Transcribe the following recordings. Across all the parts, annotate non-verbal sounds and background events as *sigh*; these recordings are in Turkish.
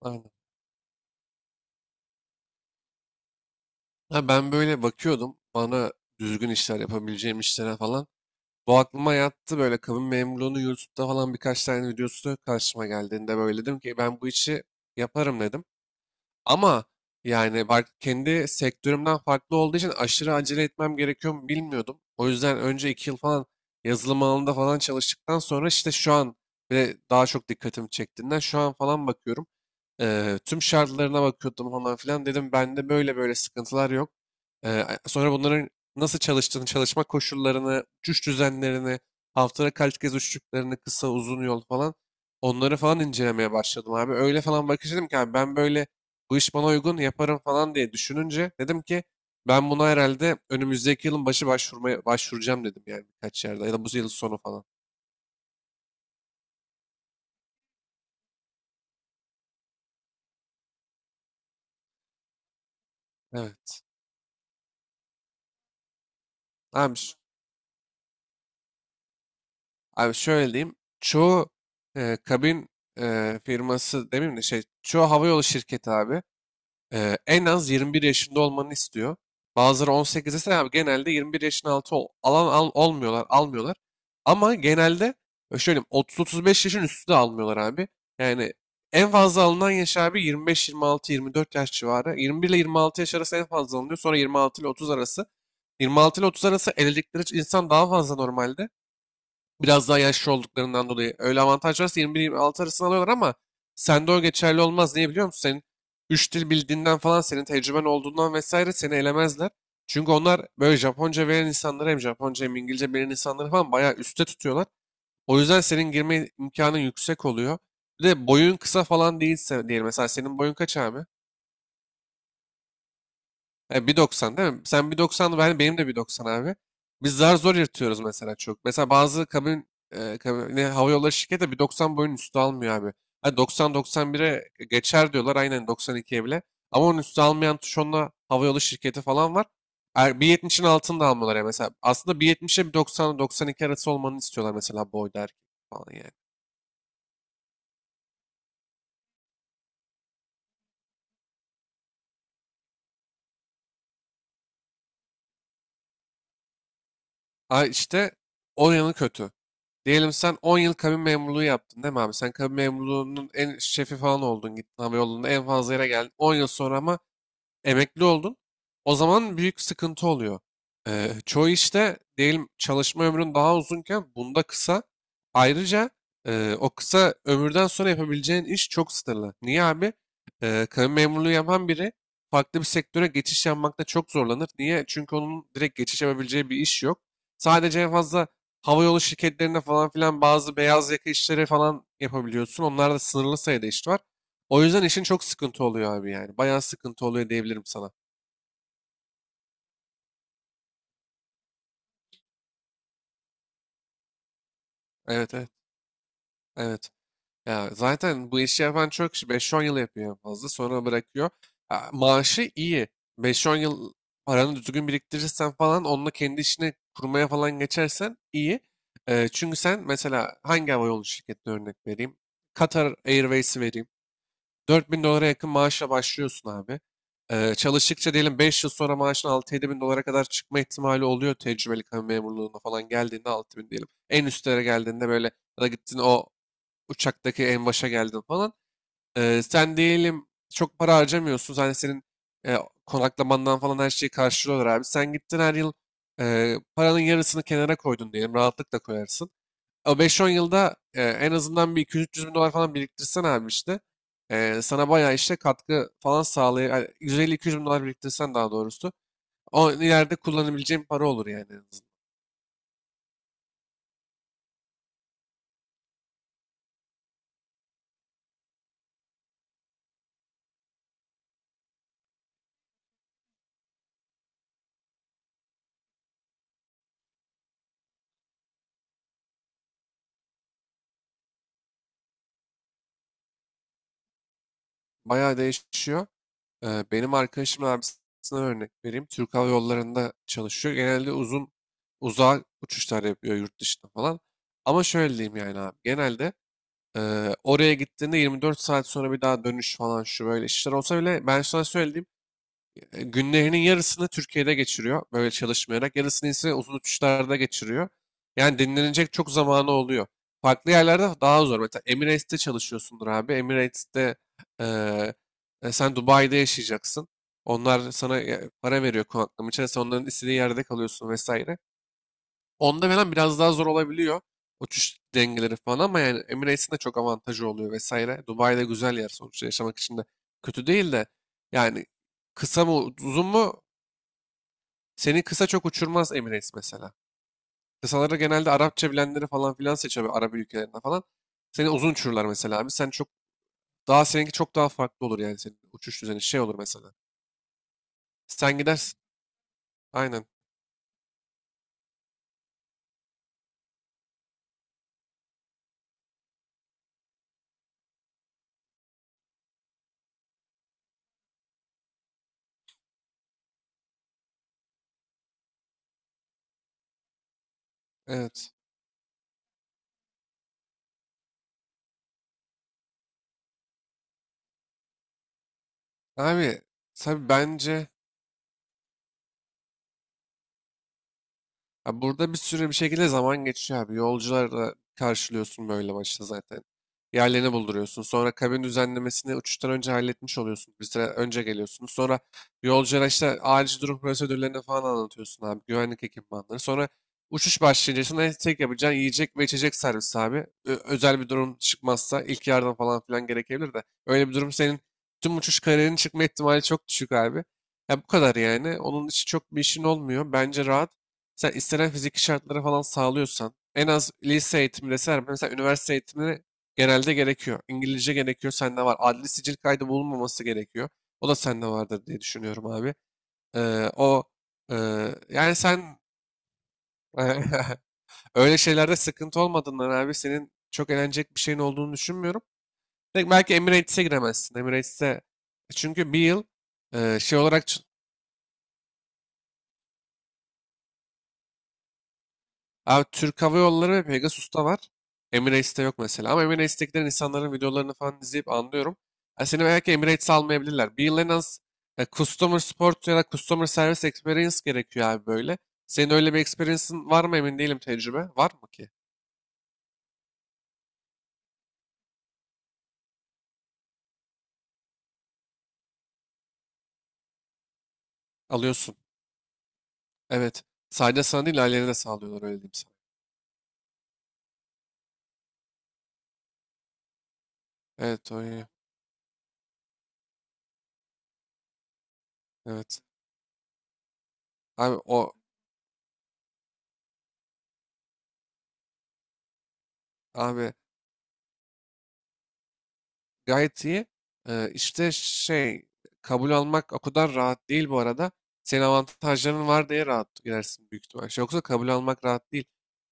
Aynen. Ha, ben böyle bakıyordum bana düzgün işler yapabileceğim işlere falan. Bu aklıma yattı böyle kabin memurluğunu YouTube'da falan birkaç tane videosu karşıma geldiğinde böyle dedim ki ben bu işi yaparım dedim. Ama yani bak kendi sektörümden farklı olduğu için aşırı acele etmem gerekiyor mu bilmiyordum. O yüzden önce 2 yıl falan yazılım alanında falan çalıştıktan sonra işte şu an ve daha çok dikkatimi çektiğinden şu an falan bakıyorum. Tüm şartlarına bakıyordum falan filan dedim bende böyle böyle sıkıntılar yok. Sonra bunların nasıl çalıştığını, çalışma koşullarını, uçuş düzenlerini, haftada kaç kez uçtuklarını, kısa uzun yol falan onları falan incelemeye başladım abi. Öyle falan bakış dedim ki abi ben böyle bu iş bana uygun yaparım falan diye düşününce dedim ki ben buna herhalde önümüzdeki yılın başı başvurmaya başvuracağım dedim yani birkaç yerde ya da bu yıl sonu falan. Evet. Abi, ş- abi, şöyle diyeyim. Çoğu kabin firması demeyeyim de şey çoğu havayolu şirketi abi. En az 21 yaşında olmanı istiyor. Bazıları 18 desen abi genelde 21 yaşın altı olmuyorlar, almıyorlar. Ama genelde şöyle diyeyim, 30-35 yaşın üstü de almıyorlar abi. Yani en fazla alınan yaş abi 25-26-24 yaş civarı. 21 ile 26 yaş arası en fazla alınıyor. Sonra 26 ile 30 arası. 26 ile 30 arası evlilikleri insan daha fazla normalde. Biraz daha yaşlı olduklarından dolayı. Öyle avantaj varsa 21-26 arasını alıyorlar ama sende o geçerli olmaz. Niye biliyor musun? Senin 3 dil bildiğinden falan, senin tecrüben olduğundan vesaire seni elemezler. Çünkü onlar böyle Japonca bilen insanları hem Japonca hem İngilizce bilen insanları falan bayağı üstte tutuyorlar. O yüzden senin girme imkanın yüksek oluyor. Bir de boyun kısa falan değilse diyelim. Mesela senin boyun kaç abi? Bir doksan değil mi? Sen 1.90, benim de bir doksan abi. Biz zar zor yırtıyoruz mesela çok. Mesela bazı kabine, hava yolları şirketi de bir doksan boyun üstü almıyor abi. Hani doksan doksan bir'e geçer diyorlar aynen doksan ikiye bile. Ama onun üstü almayan tuşonla hava yolu şirketi falan var. Bir yetmişin altını da almıyorlar ya mesela. Aslında 1.70'e doksan iki arası olmanı istiyorlar mesela boyda erkek falan yani. Ay işte on yanı kötü. Diyelim sen 10 yıl kabin memurluğu yaptın değil mi abi? Sen kabin memurluğunun en şefi falan oldun. Gittin havayolunda en fazla yere geldin. 10 yıl sonra ama emekli oldun. O zaman büyük sıkıntı oluyor. Çoğu işte diyelim çalışma ömrün daha uzunken bunda kısa. Ayrıca o kısa ömürden sonra yapabileceğin iş çok sınırlı. Niye abi? Kamu memurluğu yapan biri farklı bir sektöre geçiş yapmakta çok zorlanır. Niye? Çünkü onun direkt geçiş yapabileceği bir iş yok. Sadece en fazla havayolu şirketlerine falan filan bazı beyaz yaka işleri falan yapabiliyorsun. Onlarda sınırlı sayıda iş var. O yüzden işin çok sıkıntı oluyor abi yani. Bayağı sıkıntı oluyor diyebilirim sana. Evet, evet, evet. Ya zaten bu işi yapan çok kişi 5-10 yıl yapıyor en fazla sonra bırakıyor. Ya maaşı iyi. Beş on yıl paranı düzgün biriktirirsen falan onunla kendi işini kurmaya falan geçersen iyi. Çünkü sen mesela hangi havayolu şirketine örnek vereyim? Qatar Airways'i vereyim. 4000 dolara yakın maaşla başlıyorsun abi. Çalıştıkça diyelim 5 yıl sonra maaşın 6-7 bin dolara kadar çıkma ihtimali oluyor tecrübeli kamu memurluğuna falan geldiğinde 6 bin diyelim. En üstlere geldiğinde böyle ya da gittin o uçaktaki en başa geldin falan. Sen diyelim çok para harcamıyorsun. Hani senin e, konaklamandan falan her şeyi karşılıyorlar abi. Sen gittin her yıl paranın yarısını kenara koydun diyelim. Rahatlıkla koyarsın. O 5-10 yılda en azından bir 200-300 bin dolar falan biriktirsen abi işte sana bayağı işte katkı falan sağlay yani 150-200 bin dolar biriktirsen daha doğrusu o ileride kullanabileceğin para olur yani en azından. Bayağı değişiyor. Benim arkadaşımın abisine örnek vereyim. Türk Hava Yolları'nda çalışıyor. Genelde uzun uzağa uçuşlar yapıyor yurt dışında falan. Ama şöyle diyeyim yani abi. Genelde e, oraya gittiğinde 24 saat sonra bir daha dönüş falan şu böyle işler olsa bile ben sana söylediğim günlerinin yarısını Türkiye'de geçiriyor böyle çalışmayarak. Yarısını ise uzun uçuşlarda geçiriyor. Yani dinlenecek çok zamanı oluyor. Farklı yerlerde daha zor. Mesela Emirates'te çalışıyorsundur abi. Emirates'te e, sen Dubai'de yaşayacaksın. Onlar sana para veriyor konaklama için. Sen onların istediği yerde kalıyorsun vesaire. Onda falan biraz daha zor olabiliyor. Uçuş dengeleri falan ama yani Emirates'in de çok avantajı oluyor vesaire. Dubai'de güzel yer sonuçta yaşamak için de kötü değil de yani kısa mı uzun mu seni kısa çok uçurmaz Emirates mesela. Kısaları genelde Arapça bilenleri falan filan seçiyor böyle Arap ülkelerinde falan. Seni uzun uçururlar mesela abi. Sen çok daha seninki çok daha farklı olur yani senin uçuş düzeni şey olur mesela. Sen gidersin. Aynen. Evet. Abi tabii bence. Abi burada bir sürü bir şekilde zaman geçiyor abi. Yolcularla karşılıyorsun böyle başta zaten. Yerlerini bulduruyorsun. Sonra kabin düzenlemesini uçuştan önce halletmiş oluyorsun. Bir süre önce geliyorsunuz. Sonra yolculara işte acil durum prosedürlerini falan anlatıyorsun abi. Güvenlik ekipmanları. Sonra uçuş başlayınca sana tek yapacağın yiyecek ve içecek servisi abi. Özel bir durum çıkmazsa ilk yardım falan filan gerekebilir de. Öyle bir durum senin tüm uçuş kararının çıkma ihtimali çok düşük abi. Ya bu kadar yani. Onun için çok bir işin olmuyor. Bence rahat. Sen istenen fiziki şartları falan sağlıyorsan en az lise eğitimi deseler mesela üniversite eğitimleri genelde gerekiyor. İngilizce gerekiyor sende var. Adli sicil kaydı bulunmaması gerekiyor. O da sende vardır diye düşünüyorum abi. Ee, o e, Yani sen *laughs* öyle şeylerde sıkıntı olmadığından abi senin çok eğlenecek bir şeyin olduğunu düşünmüyorum. Belki belki Emirates'e giremezsin. Emirates'e çünkü bir yıl şey olarak Abi Türk Hava Yolları ve Pegasus'ta var. Emirates'te yok mesela. Ama Emirates'tekilerin insanların videolarını falan izleyip anlıyorum. Yani seni belki Emirates'e almayabilirler. Bir yıl en az Customer Support ya da Customer Service Experience gerekiyor abi böyle. Senin öyle bir experience'ın var mı emin değilim tecrübe. Var mı ki? Alıyorsun. Evet. Sadece sana değil ailene de sağlıyorlar öyle diyeyim sana. Evet, o iyi. Evet. Abi o abi, gayet iyi. İşte şey, kabul almak o kadar rahat değil bu arada. Senin avantajların var diye rahat girersin büyük ihtimal. Şey, yoksa kabul almak rahat değil.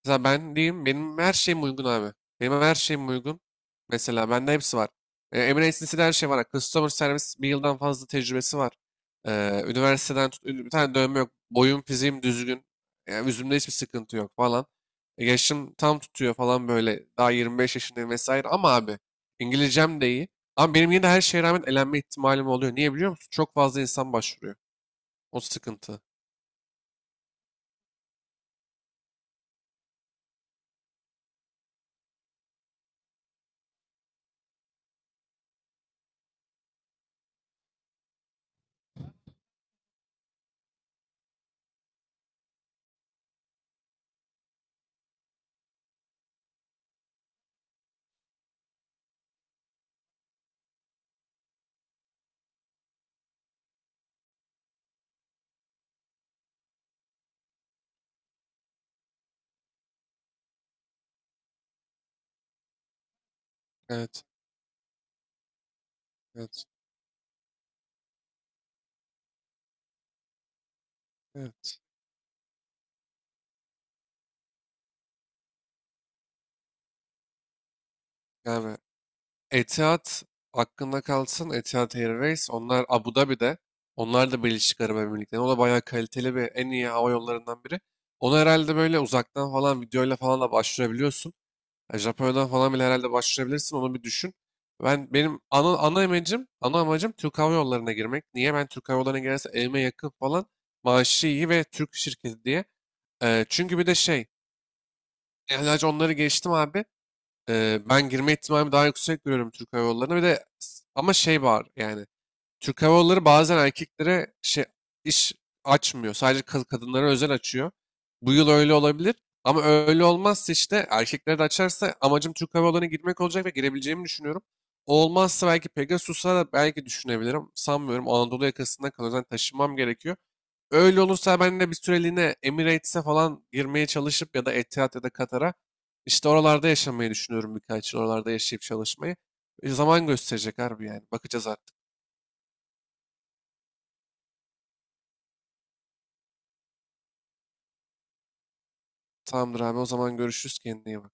Mesela ben diyeyim benim her şeyim uygun abi. Benim her şeyim uygun. Mesela bende hepsi var. Emirates'in her şey var. Customer service bir yıldan fazla tecrübesi var. Üniversiteden tut, bir tane dövme yok. Boyum fiziğim düzgün. Yani yüzümde hiçbir sıkıntı yok falan. Yaşım tam tutuyor falan böyle. Daha 25 yaşındayım vesaire. Ama abi İngilizcem de iyi. Ama benim yine de her şeye rağmen elenme ihtimalim oluyor. Niye biliyor musun? Çok fazla insan başvuruyor. O sıkıntı. Evet. Evet. Evet. Yani Etihad hakkında kalsın. Etihad Airways. Onlar Abu Dhabi'de. Onlar da Birleşik Arap Emirlikleri'nde. O da bayağı kaliteli ve en iyi hava yollarından biri. Onu herhalde böyle uzaktan falan videoyla falan da başvurabiliyorsun. Ya Japonya'dan falan bile herhalde başvurabilirsin. Onu bir düşün. Benim ana amacım Türk Hava Yolları'na girmek. Niye? Ben Türk Hava Yolları'na girersem evime yakın falan maaşı iyi ve Türk şirketi diye. Çünkü bir de şey, yani sadece onları geçtim abi. Ben girme ihtimalimi daha yüksek görüyorum Türk Hava Yolları'na. Bir de ama şey var yani Türk Hava Yolları bazen erkeklere şey iş açmıyor. Sadece kadınlara özel açıyor. Bu yıl öyle olabilir. Ama öyle olmazsa işte erkeklere de açarsa amacım Türk Hava Yolları'na girmek olacak ve girebileceğimi düşünüyorum. O olmazsa belki Pegasus'a da belki düşünebilirim. Sanmıyorum. Anadolu yakasında kalıyor. Zaten taşınmam gerekiyor. Öyle olursa ben de bir süreliğine Emirates'e falan girmeye çalışıp ya da Etihad ya da Katar'a işte oralarda yaşamayı düşünüyorum birkaç yıl. Oralarda yaşayıp çalışmayı. Zaman gösterecek harbi yani. Bakacağız artık. Tamamdır abi, o zaman görüşürüz, kendine iyi bak.